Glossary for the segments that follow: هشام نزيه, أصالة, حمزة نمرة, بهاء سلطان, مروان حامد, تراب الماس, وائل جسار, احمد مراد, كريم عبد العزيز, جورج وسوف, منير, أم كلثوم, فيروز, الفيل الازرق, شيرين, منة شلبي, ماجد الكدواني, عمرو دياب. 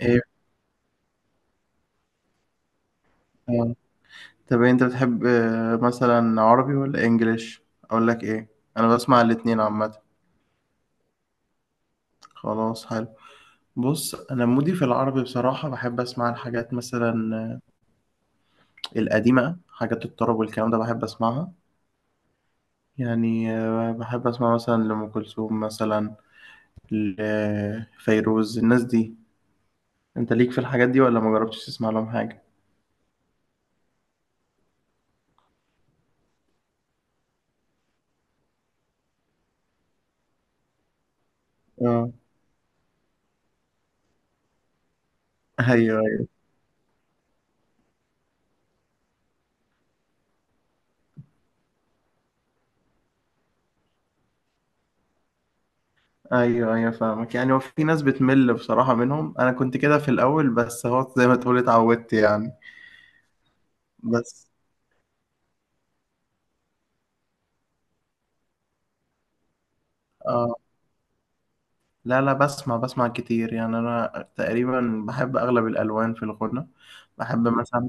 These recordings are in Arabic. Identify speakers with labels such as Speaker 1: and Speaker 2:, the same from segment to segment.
Speaker 1: ايه. آه. طب انت بتحب مثلا عربي ولا انجليش اقول لك ايه؟ انا بسمع الاتنين عامه. خلاص حلو. بص انا مودي في العربي بصراحه، بحب اسمع الحاجات مثلا آه، القديمه، حاجات الطرب والكلام ده بحب اسمعها. يعني بحب اسمع مثلا لأم كلثوم مثلا، لفيروز، الناس دي. انت ليك في الحاجات دي ولا ما جربتش تسمع لهم حاجه؟ اه. ايوه، ايوه، ايوه، فاهمك. يعني هو في ناس بتمل بصراحة منهم، انا كنت كده في الاول، بس هو زي ما تقول اتعودت يعني. بس. اه. لا، لا، بسمع كتير يعني، انا تقريبا بحب اغلب الالوان في الغنى. بحب مثلا،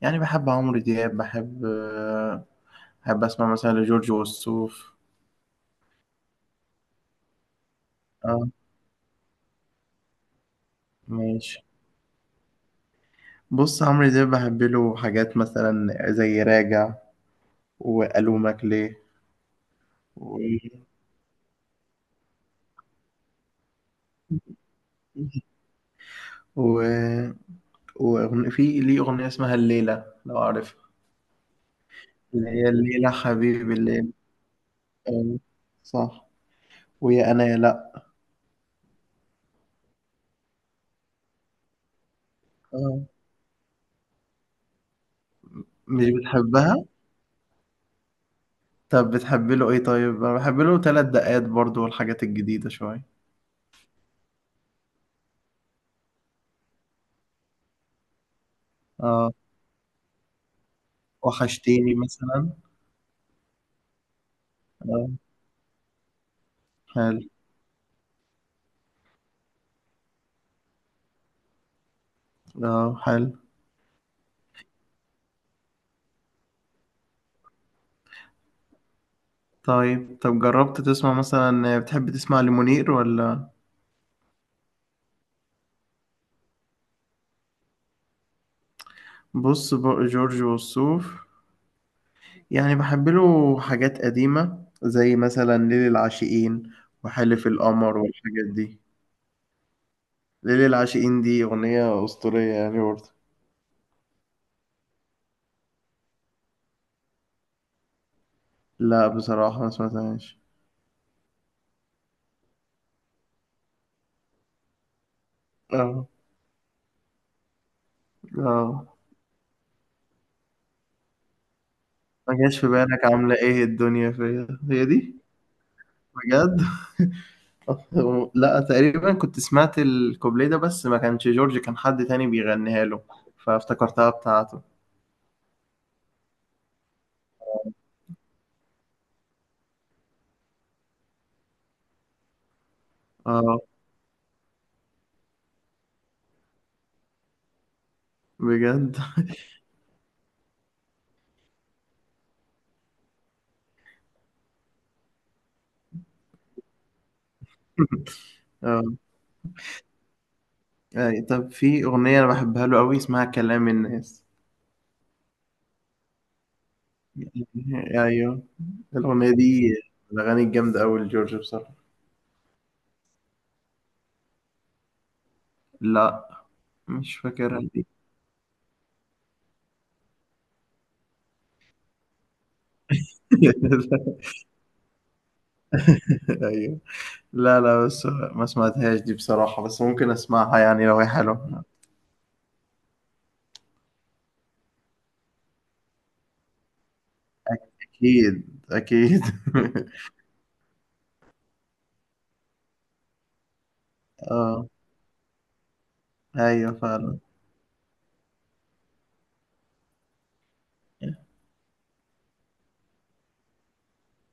Speaker 1: يعني بحب عمرو دياب، بحب. بحب اسمع مثلا لجورج وسوف. اه، ماشي. بص عمرو دياب بحب له حاجات مثلا زي راجع، والومك ليه و... و... في ليه أغنية اسمها الليلة لو عارفها، اللي هي الليلة حبيبي الليلة. آه. صح. ويا أنا يا لأ. آه. مش بتحبها؟ طب بتحب له إيه طيب؟ أنا بحب له تلات دقات برضو والحاجات الجديدة شوية. آه. وحشتيني مثلا. آه، حلو. آه، حلو. طيب، طب جربت تسمع مثلا، بتحب تسمع لمنير ولا؟ بص بقى جورج وسوف، يعني بحب له حاجات قديمة زي مثلا ليل العاشقين، وحلف القمر والحاجات دي. ليل العاشقين دي أغنية أسطورية يعني برضه. لا بصراحة ما سمعتهاش. اه، اه. ما جاش في بالك عاملة ايه الدنيا فيا، هي دي. بجد. لا، تقريبا كنت سمعت الكوبليه ده، بس ما كانش جورج، كان حد تاني بيغنيها له، فافتكرتها بتاعته. اه، بجد. اه، يعني طب في أغنية أنا بحبها له أوي اسمها كلام الناس. يعني، ايوه. الاغنيه دي من الاغاني الجامده قوي لجورج بصراحه. لا مش فاكرها دي. ايوه. لا، لا، بس ما سمعتهاش دي بصراحه، بس ممكن اسمعها يعني لو هي حلوه. اكيد، اكيد. اه، ايوه فعلا.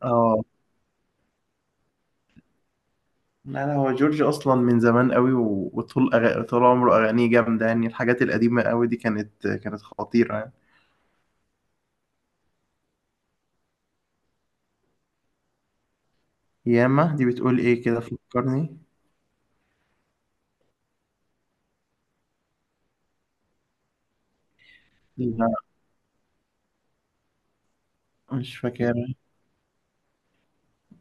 Speaker 1: اه، لا، لا، هو جورج اصلا من زمان قوي وطول طول عمره اغانيه جامده، يعني الحاجات القديمه قوي دي كانت خطيره يعني. ياما دي بتقول ايه كده، فكرني. لا مش فاكر.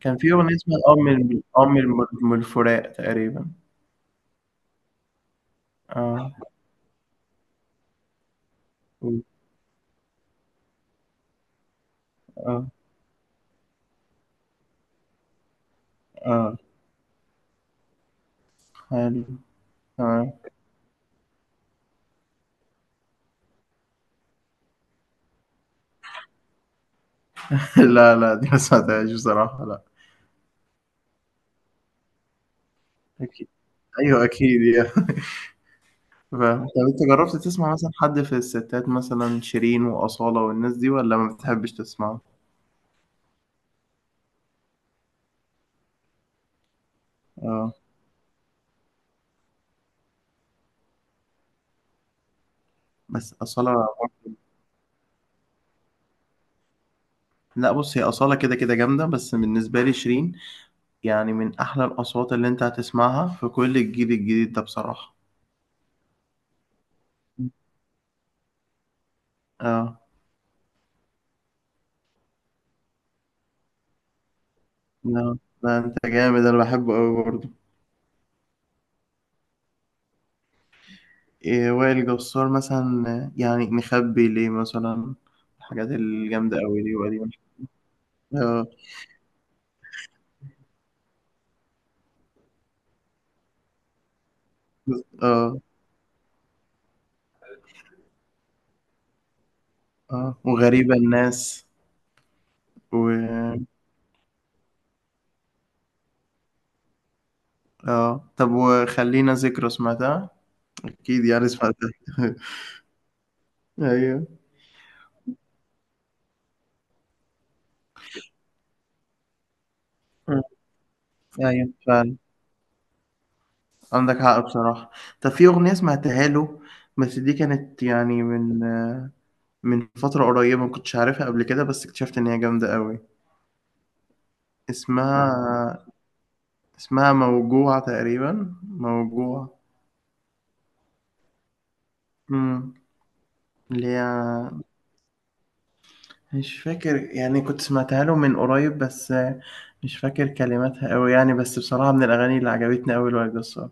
Speaker 1: كان في أغنية اسمها الأم الم الفراق تقريبا. آه، آه، آه، حلو. تمام. لا، لا، دي ما سمعتهاش بصراحة لأ. أكيد. أيوه أكيد يعني. فاهم، طب أنت جرّبت تسمع مثلًا حد في الستات، مثلًا شيرين وأصالة والناس دي، والّا ما بتحبش تسمعهم؟ آه. بس أصالة، لأ بُص، هي أصالة كده، كده جامدة، بس بالنسبة لي شيرين يعني من أحلى الأصوات اللي أنت هتسمعها في كل الجيل الجديد ده بصراحة. آه، آه. لأ أنت جامد، أنا باحبه أوي برضه. إيه، وائل جسار مثلا يعني نخبي ليه مثلا، الحاجات الجامدة أوي دي وقديمة. اه، اه، اه. وغريبة الناس. و اه، طب وخلينا ذكرى سمعتها؟ أكيد يعني سمعتها. أيوه. آه، أيوه فعلا. عندك حق بصراحة. طب في أغنية سمعتها له، بس دي كانت يعني من. من فترة قريبة ما كنتش عارفها قبل كده، بس اكتشفت إن هي جامدة أوي. اسمها اسمها موجوع تقريبا، موجوع. امم اللي هي مش فاكر يعني، كنت سمعتها له من قريب، بس مش فاكر كلماتها قوي يعني، بس بصراحة من الأغاني اللي عجبتني قوي الواد الصقر.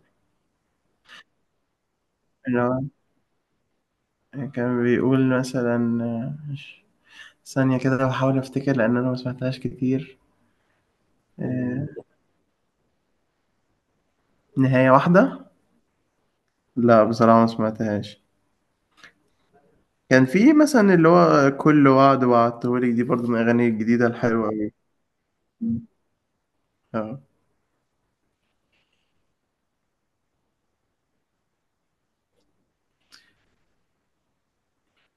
Speaker 1: اللي هو كان بيقول مثلا ثانية كده بحاول أفتكر لأن أنا ما سمعتهاش كتير. آه، نهاية واحدة. لا بصراحة ما سمعتهاش. كان في مثلا اللي هو كل وعد وعدتهولك، دي برضو من الأغاني الجديدة الحلوة أوي. اه.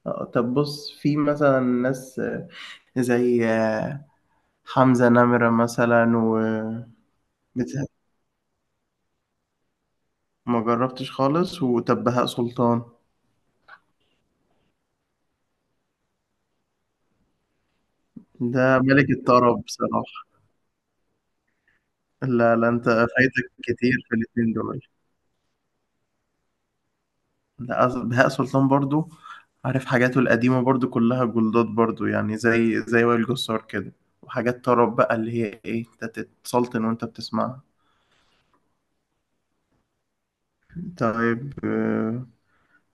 Speaker 1: طب بص في مثلا ناس زي حمزة نمرة مثلا و بتاع- ما جربتش خالص. وطب بهاء سلطان، ده ملك الطرب بصراحة. لا، لا، انت فايتك كتير في الاتنين دول. لا بهاء سلطان برضو، عارف حاجاته القديمة برضو كلها جلدات برضو، يعني زي وائل جسار كده، وحاجات طرب بقى اللي هي ايه، انت تتسلطن وانت بتسمعها. طيب آه،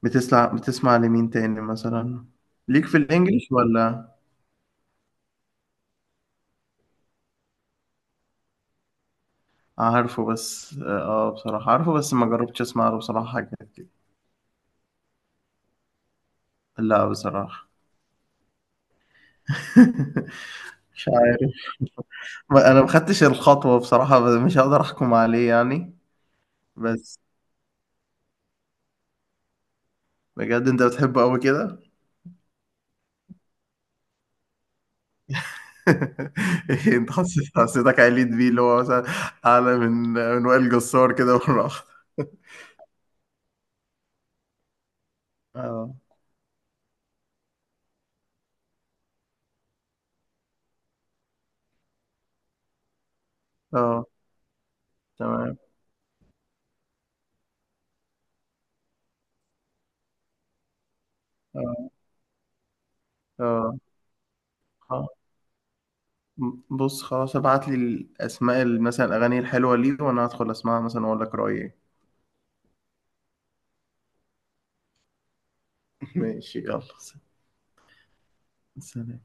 Speaker 1: بتسمع لمين تاني مثلا؟ ليك في الانجليش ولا؟ عارفه بس بصراحة عارفه، بس ما جربتش اسمع له بصراحة حاجة. كده. لا بصراحة. مش عارف. انا ما خدتش الخطوة بصراحة، بس مش هقدر احكم عليه يعني. بس بجد انت بتحبه قوي كده؟ إيه، انت حسيتك عليت بيه، اللي هو مثلا اعلى من وائل جسار كده مرة واحدة. اه، اه، تمام. اه، اه. خ- بص خلاص، ابعت لي الاسماء مثلا الاغاني الحلوه ليه، وانا هدخل اسمعها مثلا واقول لك رايي. ماشي يلا سلام.